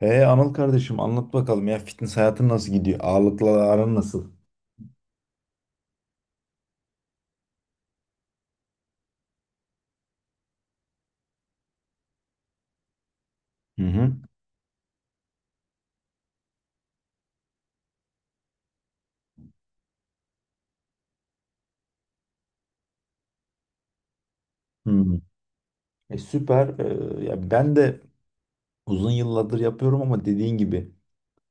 Anıl kardeşim anlat bakalım ya, fitness hayatın nasıl gidiyor? Ağırlıkla aran nasıl? Hı hı. Hmm. Süper. Ya ben de uzun yıllardır yapıyorum ama dediğin gibi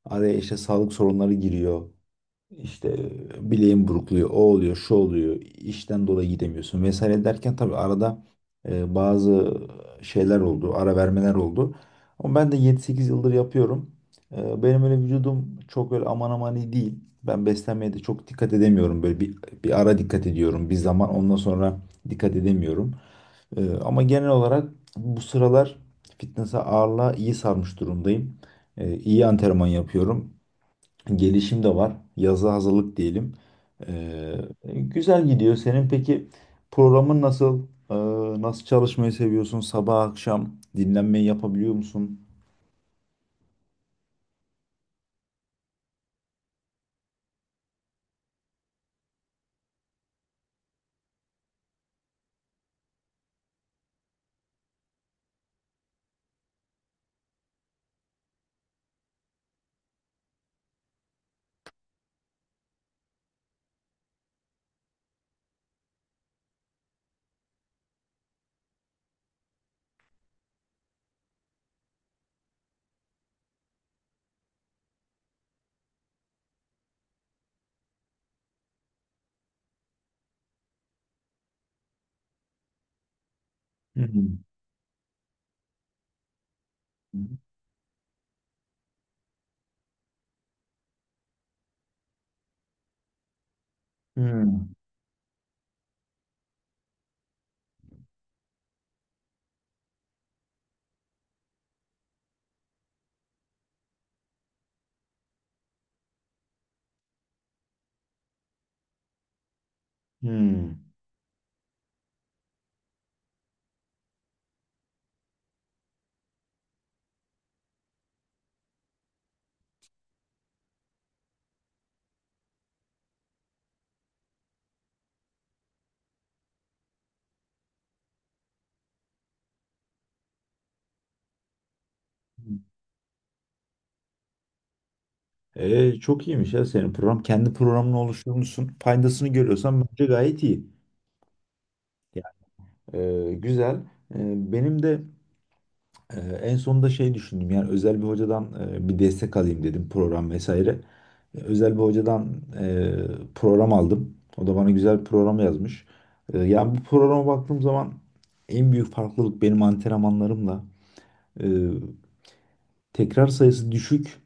araya işte sağlık sorunları giriyor. İşte bileğin burukluyor, o oluyor, şu oluyor, işten dolayı gidemiyorsun vesaire derken tabii arada bazı şeyler oldu, ara vermeler oldu. Ama ben de 7-8 yıldır yapıyorum. Benim öyle vücudum çok öyle aman aman iyi değil. Ben beslenmeye de çok dikkat edemiyorum. Böyle bir ara dikkat ediyorum, bir zaman ondan sonra dikkat edemiyorum. Ama genel olarak bu sıralar fitness'a, ağırlığa iyi sarmış durumdayım. İyi antrenman yapıyorum. Gelişim de var. Yazı hazırlık diyelim. Ee, Güzel gidiyor. Senin peki programın nasıl? Nasıl çalışmayı seviyorsun? Sabah akşam dinlenmeyi yapabiliyor musun? Hmm. Hmm. Hmm. Çok iyiymiş ya senin program. Kendi programını oluşturmuşsun. Faydasını görüyorsan bence gayet iyi. Güzel. Benim de en sonunda şey düşündüm. Yani özel bir hocadan bir destek alayım dedim, program vesaire. Özel bir hocadan e, program aldım. O da bana güzel bir program yazmış. Yani bu programa baktığım zaman en büyük farklılık benim antrenmanlarımla e, tekrar sayısı düşük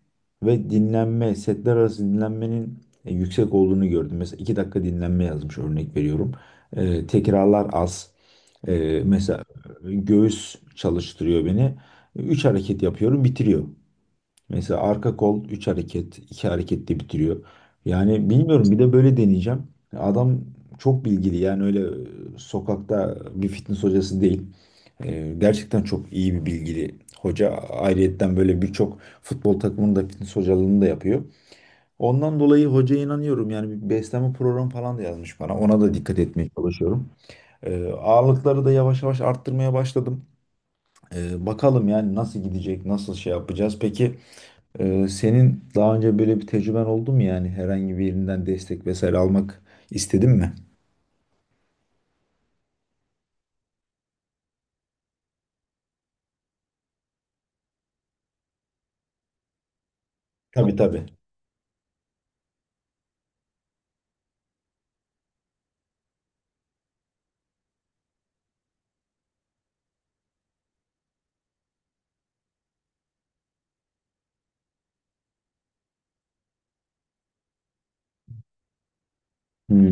ve dinlenme, setler arası dinlenmenin yüksek olduğunu gördüm. Mesela 2 dakika dinlenme yazmış, örnek veriyorum. Tekrarlar az. Mesela göğüs çalıştırıyor beni. 3 hareket yapıyorum, bitiriyor. Mesela arka kol 3 hareket, 2 hareketle bitiriyor. Yani bilmiyorum, bir de böyle deneyeceğim. Adam çok bilgili, yani öyle sokakta bir fitness hocası değil. Gerçekten çok iyi, bir bilgili hoca. Ayrıyetten böyle birçok futbol takımının da fitness hocalığını da yapıyor. Ondan dolayı hocaya inanıyorum. Yani bir beslenme programı falan da yazmış bana. Ona da dikkat etmeye çalışıyorum. Ağırlıkları da yavaş yavaş arttırmaya başladım. Bakalım yani nasıl gidecek, nasıl şey yapacağız. Peki senin daha önce böyle bir tecrüben oldu mu, yani herhangi bir yerinden destek vesaire almak istedin mi? Tabii, tabii. Hmm.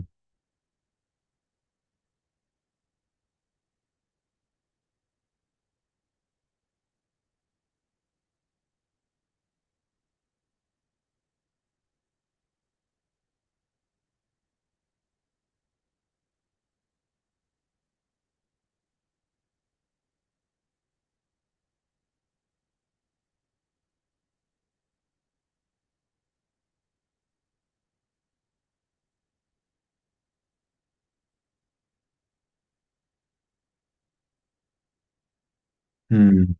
Hmm.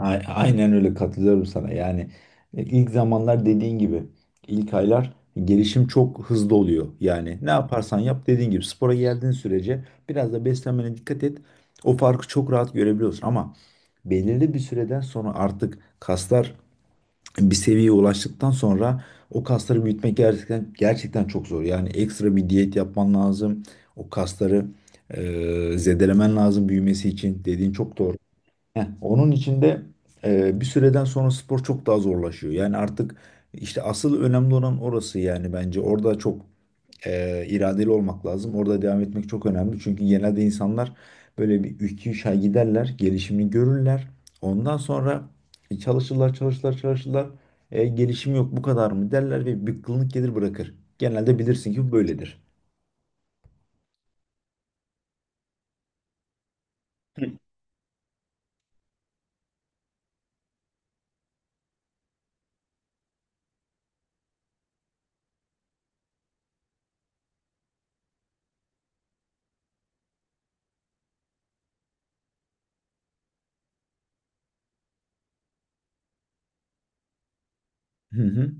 Aynen öyle, katılıyorum sana. Yani ilk zamanlar dediğin gibi, ilk aylar gelişim çok hızlı oluyor. Yani ne yaparsan yap, dediğin gibi spora geldiğin sürece biraz da beslenmene dikkat et. O farkı çok rahat görebiliyorsun ama belirli bir süreden sonra artık kaslar bir seviyeye ulaştıktan sonra o kasları büyütmek gerçekten gerçekten çok zor. Yani ekstra bir diyet yapman lazım. O kasları e, zedelemen lazım büyümesi için. Dediğin çok doğru. Heh, onun için de bir süreden sonra spor çok daha zorlaşıyor. Yani artık işte asıl önemli olan orası yani, bence. Orada çok iradeli olmak lazım. Orada devam etmek çok önemli. Çünkü genelde insanlar böyle bir 2-3 ay giderler, gelişimini görürler. Ondan sonra çalışırlar, çalışırlar, çalışırlar. Gelişim yok, bu kadar mı derler ve bir bıkkınlık gelir, bırakır. Genelde bilirsin ki bu böyledir. Hı hı.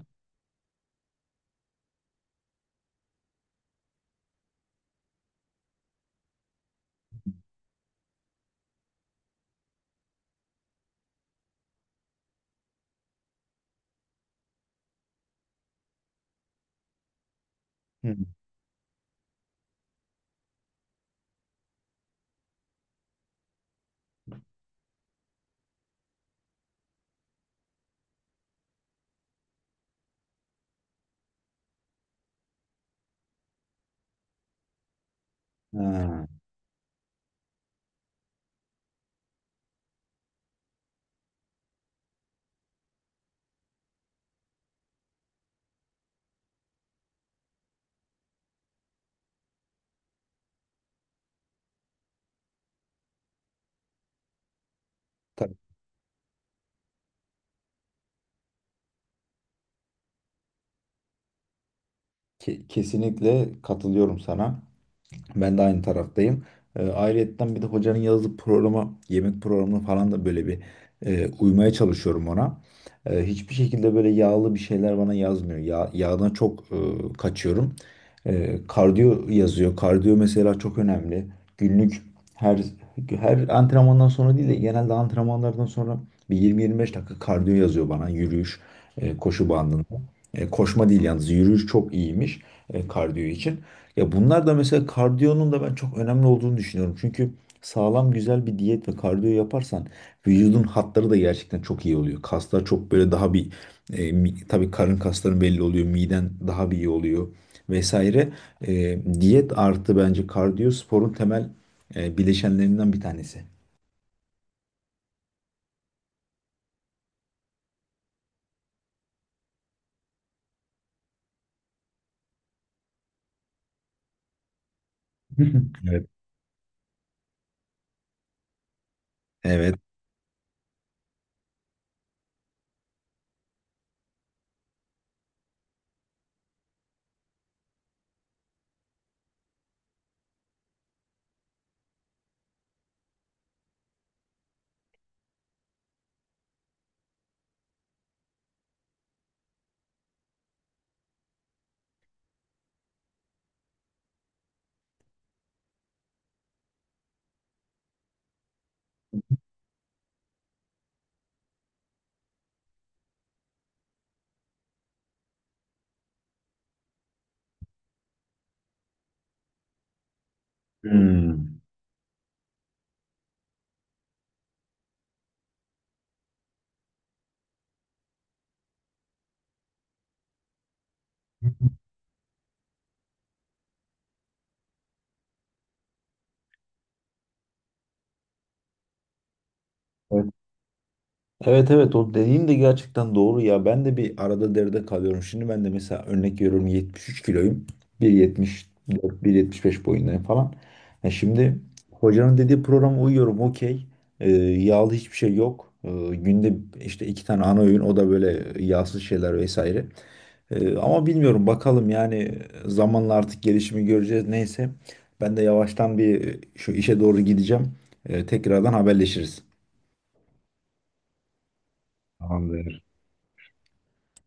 Hı. Ha, tabii. Kesinlikle katılıyorum sana. Ben de aynı taraftayım. Ayrıyetten bir de hocanın yazdığı programa, yemek programına falan da böyle bir uymaya çalışıyorum ona. Hiçbir şekilde böyle yağlı bir şeyler bana yazmıyor. Ya, yağdan çok kaçıyorum. Kardiyo yazıyor. Kardiyo mesela çok önemli. Günlük her her antrenmandan sonra değil de genelde antrenmanlardan sonra bir 20-25 dakika kardiyo yazıyor bana. Yürüyüş, koşu bandında. Koşma değil yalnız, yürüyüş çok iyiymiş kardiyo için. Ya bunlar da, mesela kardiyonun da ben çok önemli olduğunu düşünüyorum. Çünkü sağlam güzel bir diyet ve kardiyo yaparsan vücudun hatları da gerçekten çok iyi oluyor. Kaslar çok böyle daha bir tabii, karın kasların belli oluyor, miden daha bir iyi oluyor vesaire. Diyet artı bence kardiyo, sporun temel bileşenlerinden bir tanesi. Evet. Evet. Hmm. Evet, evet, o dediğin de gerçekten doğru ya. Ben de bir arada deride kalıyorum. Şimdi ben de mesela, örnek veriyorum, 73 kiloyum. 1,74, 1,75 boyundayım falan. Şimdi hocanın dediği programa uyuyorum, okey. Yağlı hiçbir şey yok. Günde işte iki tane ana öğün, o da böyle yağsız şeyler vesaire. Ama bilmiyorum, bakalım yani zamanla artık gelişimi göreceğiz. Neyse, ben de yavaştan bir şu işe doğru gideceğim. Tekrardan haberleşiriz. Tamamdır.